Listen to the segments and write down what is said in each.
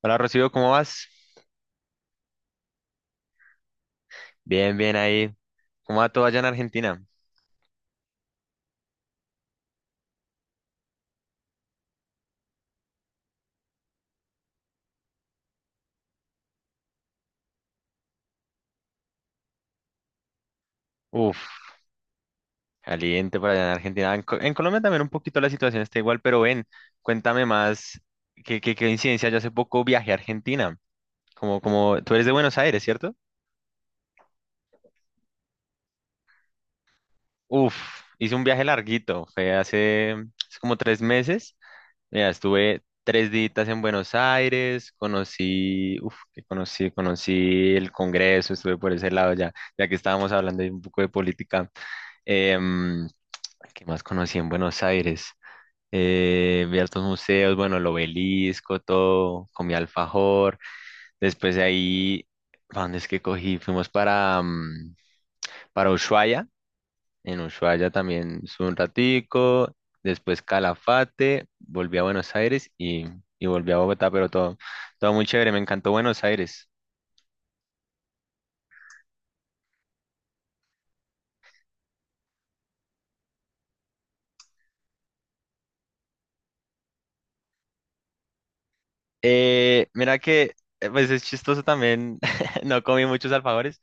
Hola Rocío, ¿cómo vas? Bien, bien ahí. ¿Cómo va todo allá en Argentina? Uf, caliente por allá en Argentina. En Colombia también un poquito la situación está igual, pero ven, cuéntame más. ¿Qué coincidencia? Yo hace poco viajé a Argentina. Como tú eres de Buenos Aires, ¿cierto? Uf, hice un viaje larguito. Fue hace como 3 meses. Mira, estuve 3 días en Buenos Aires. Conocí, uf, que conocí, conocí el Congreso. Estuve por ese lado ya, ya que estábamos hablando ahí un poco de política. Em, ¿Qué más conocí en Buenos Aires? Vi altos museos, bueno, el obelisco, todo, comí alfajor. Después de ahí, ¿pa' dónde es que cogí? Fuimos para Ushuaia. En Ushuaia también estuve un ratico. Después Calafate, volví a Buenos Aires y volví a Bogotá, pero todo, todo muy chévere. Me encantó Buenos Aires. Mira que, pues es chistoso también. No comí muchos alfajores.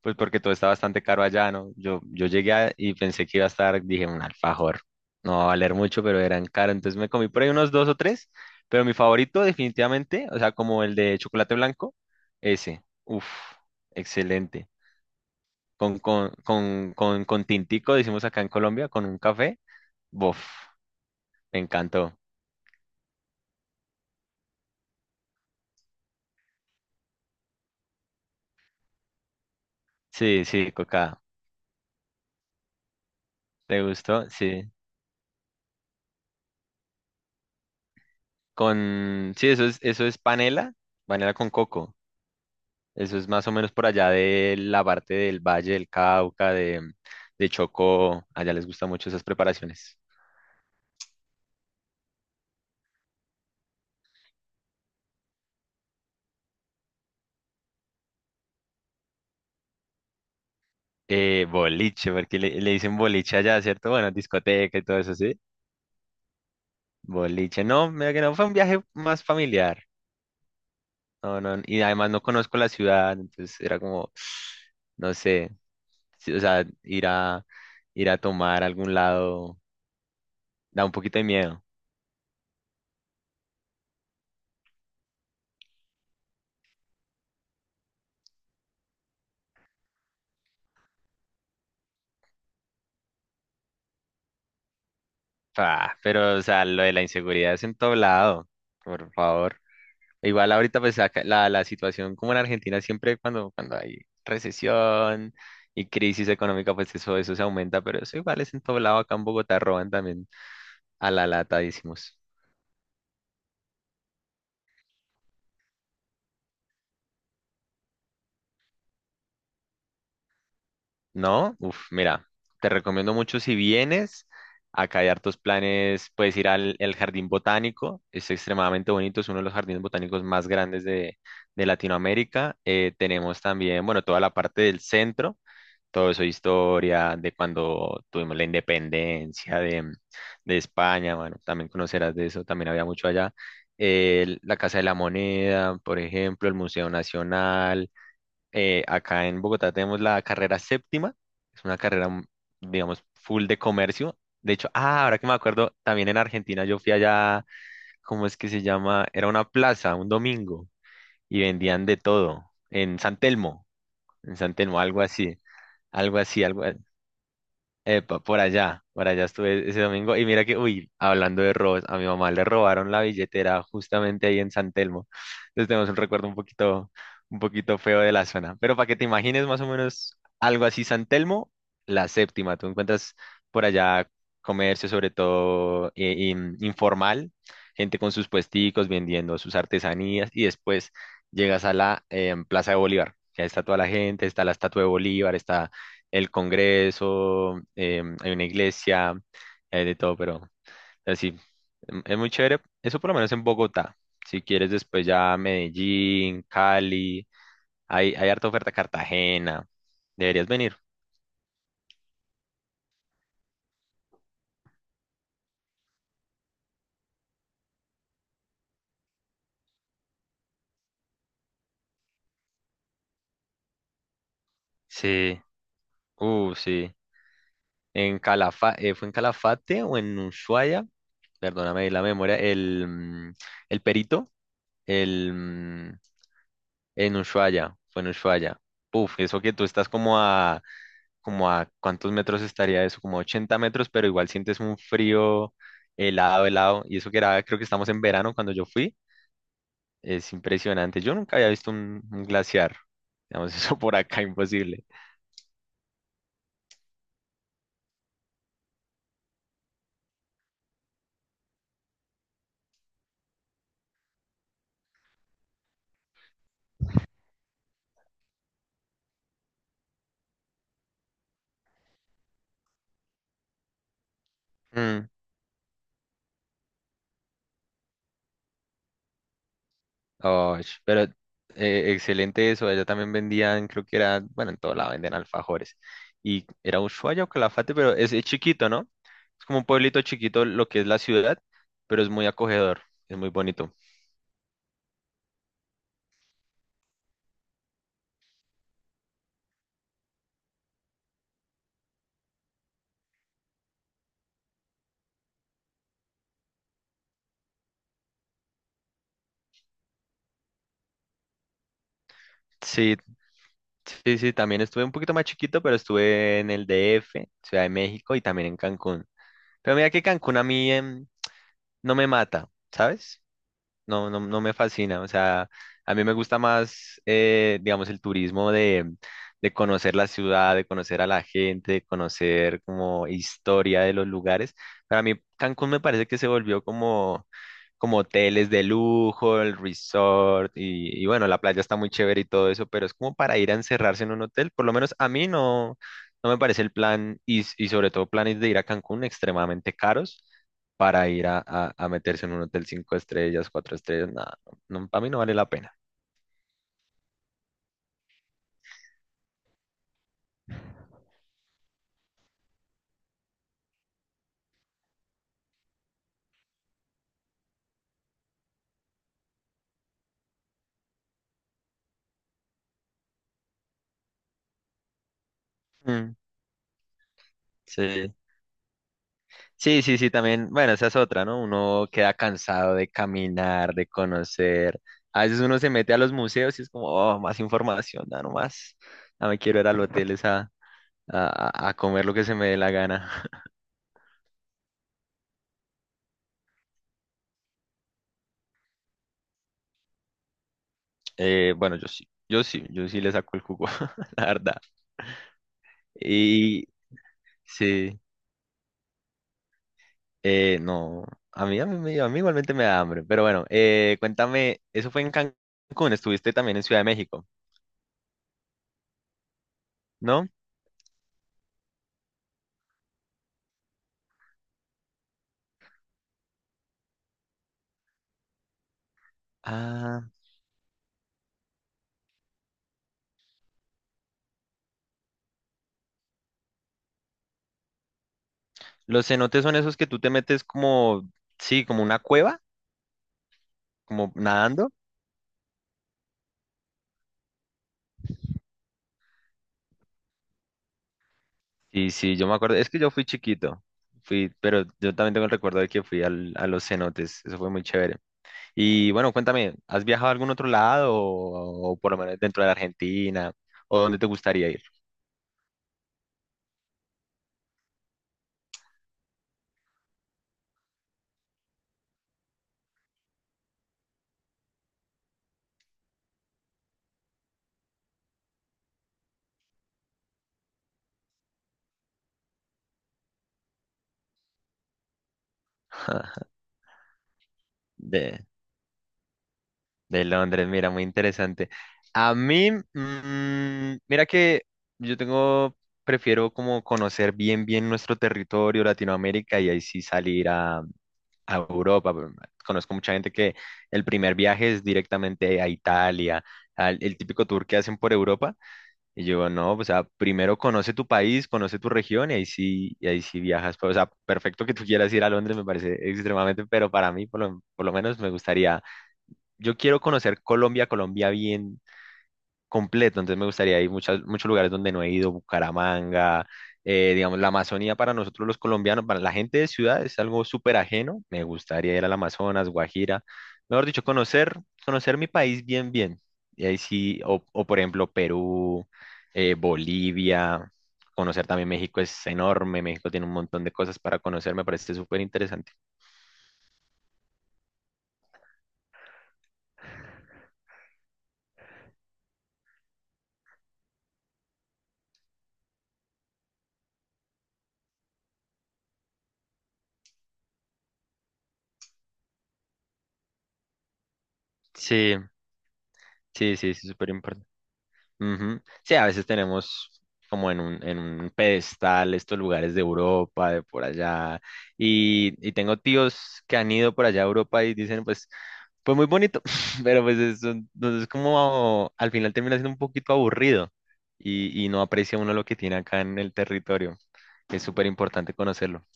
Pues porque todo está bastante caro allá, ¿no? Yo llegué y pensé que iba a estar, dije, un alfajor. No va a valer mucho, pero eran caros. Entonces me comí por ahí unos dos o tres, pero mi favorito definitivamente, o sea, como el de chocolate blanco, ese. Uf, excelente. Con tintico, decimos acá en Colombia, con un café. Bof, me encantó. Sí, sí, coca. ¿Te gustó? Sí. Sí, eso es, panela, panela con coco. Eso es más o menos por allá de la parte del Valle del Cauca, de Chocó. Allá les gustan mucho esas preparaciones. Boliche, porque le dicen boliche allá, ¿cierto? Bueno, discoteca y todo eso, ¿sí? Boliche, no, mira que no, fue un viaje más familiar. No, no, y además no conozco la ciudad, entonces era como, no sé, sí, o sea, ir a, tomar a algún lado da un poquito de miedo. Ah, pero, o sea, lo de la inseguridad es en todo lado, por favor. Igual ahorita pues acá la situación como en Argentina siempre cuando hay recesión y crisis económica pues eso se aumenta, pero eso igual es en todo lado, acá en Bogotá roban también a la lata, decimos. ¿No? Uf, mira, te recomiendo mucho si vienes, acá hay hartos planes, puedes ir al el Jardín Botánico, es extremadamente bonito, es uno de los jardines botánicos más grandes de Latinoamérica. Tenemos también, bueno, toda la parte del centro. Todo eso, historia de cuando tuvimos la independencia de España, bueno, también conocerás de eso, también había mucho allá. La Casa de la Moneda, por ejemplo, el Museo Nacional. Acá en Bogotá tenemos la carrera séptima, es una carrera, digamos, full de comercio. De hecho, ah, ahora que me acuerdo, también en Argentina yo fui allá, ¿cómo es que se llama? Era una plaza, un domingo, y vendían de todo, en San Telmo, algo así. Algo así, algo. Epa, por allá estuve ese domingo y mira que, uy, hablando de robos, a mi mamá le robaron la billetera justamente ahí en San Telmo. Entonces tenemos un recuerdo un poquito feo de la zona. Pero para que te imagines más o menos algo así, San Telmo, la séptima, tú encuentras por allá comercio sobre todo informal, gente con sus puesticos vendiendo sus artesanías y después llegas a la Plaza de Bolívar, que está toda la gente, está la estatua de Bolívar, está el Congreso, hay una iglesia, hay de todo, pero así, es muy chévere. Eso por lo menos en Bogotá. Si quieres después ya Medellín, Cali, hay harta oferta Cartagena. Deberías venir. Sí, sí. En Calafa ¿Fue en Calafate o en Ushuaia? Perdóname ahí la memoria. El Perito, el, mm, en Ushuaia, fue en Ushuaia. Uf, eso que tú estás como a cuántos metros estaría eso, como 80 metros, pero igual sientes un frío helado, helado, y eso que era, creo que estamos en verano cuando yo fui, es impresionante. Yo nunca había visto un glaciar, digamos, eso por acá imposible. Mm, oh, pero excelente eso, allá también vendían, creo que era, bueno, en todo lado venden alfajores, y era Ushuaia o Calafate, pero es chiquito, ¿no? Es como un pueblito chiquito lo que es la ciudad, pero es muy acogedor, es muy bonito. Sí, sí, sí, también estuve un poquito más chiquito, pero estuve en el DF, Ciudad de México y también en Cancún. Pero mira que Cancún a mí no me mata, ¿sabes? No, no, no me fascina. O sea, a mí me gusta más, digamos, el turismo de, conocer la ciudad, de conocer a la gente, de conocer como historia de los lugares. Para mí, Cancún me parece que se volvió como hoteles de lujo, el resort, y bueno, la playa está muy chévere y todo eso, pero es como para ir a encerrarse en un hotel. Por lo menos a mí no me parece el plan, y sobre todo planes de ir a Cancún extremadamente caros para ir a meterse en un hotel cinco estrellas, cuatro estrellas, nada, no, no, para mí no vale la pena. Mm, sí, sí, sí, sí, también, bueno, esa es otra, ¿no? Uno queda cansado de caminar, de conocer. A veces uno se mete a los museos y es como, oh, más información, da nomás. No me quiero ir al hotel es a, a comer lo que se me dé la gana. Bueno, yo sí, yo sí, yo sí le saco el jugo, la verdad. Y sí. No, a mí, a mí igualmente me da hambre, pero bueno, cuéntame, eso fue en Cancún, estuviste también en Ciudad de México, ¿no? Ah, los cenotes son esos que tú te metes como, sí, como una cueva, como nadando. Sí, sí, yo me acuerdo, es que yo fui chiquito, fui, pero yo también tengo el recuerdo de que fui a los cenotes, eso fue muy chévere. Y bueno, cuéntame, ¿has viajado a algún otro lado o por lo menos dentro de la Argentina o dónde te gustaría ir? De- De Londres, mira, muy interesante. A mí, mira que yo tengo, prefiero como conocer bien, bien nuestro territorio, Latinoamérica, y ahí sí salir a, Europa. Pero conozco mucha gente que el primer viaje es directamente a Italia, el típico tour que hacen por Europa. Y yo, no, o sea, primero conoce tu país, conoce tu región, y ahí sí viajas. Pero, o sea, perfecto que tú quieras ir a Londres, me parece extremadamente, pero para mí, por lo menos, me gustaría yo quiero conocer Colombia, Colombia bien completo, entonces me gustaría ir muchos lugares donde no he ido, Bucaramanga, digamos, la Amazonía para nosotros los colombianos, para la gente de ciudad es algo súper ajeno, me gustaría ir al Amazonas, Guajira, mejor dicho, conocer, mi país bien, bien, y ahí sí, o por ejemplo Perú, Bolivia, conocer también México es enorme, México tiene un montón de cosas para conocer, me parece súper interesante. Sí, sí, sí, sí, súper importante. Ujú. Sí, a veces tenemos como en un pedestal estos lugares de Europa, de por allá, y tengo tíos que han ido por allá a Europa y dicen, pues, muy bonito, pero entonces como al final termina siendo un poquito aburrido y no aprecia uno lo que tiene acá en el territorio. Es súper importante conocerlo.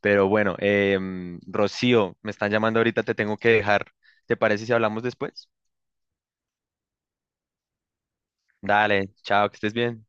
Pero bueno, Rocío, me están llamando ahorita, te tengo que dejar. ¿Te parece si hablamos después? Dale, chao, que estés bien.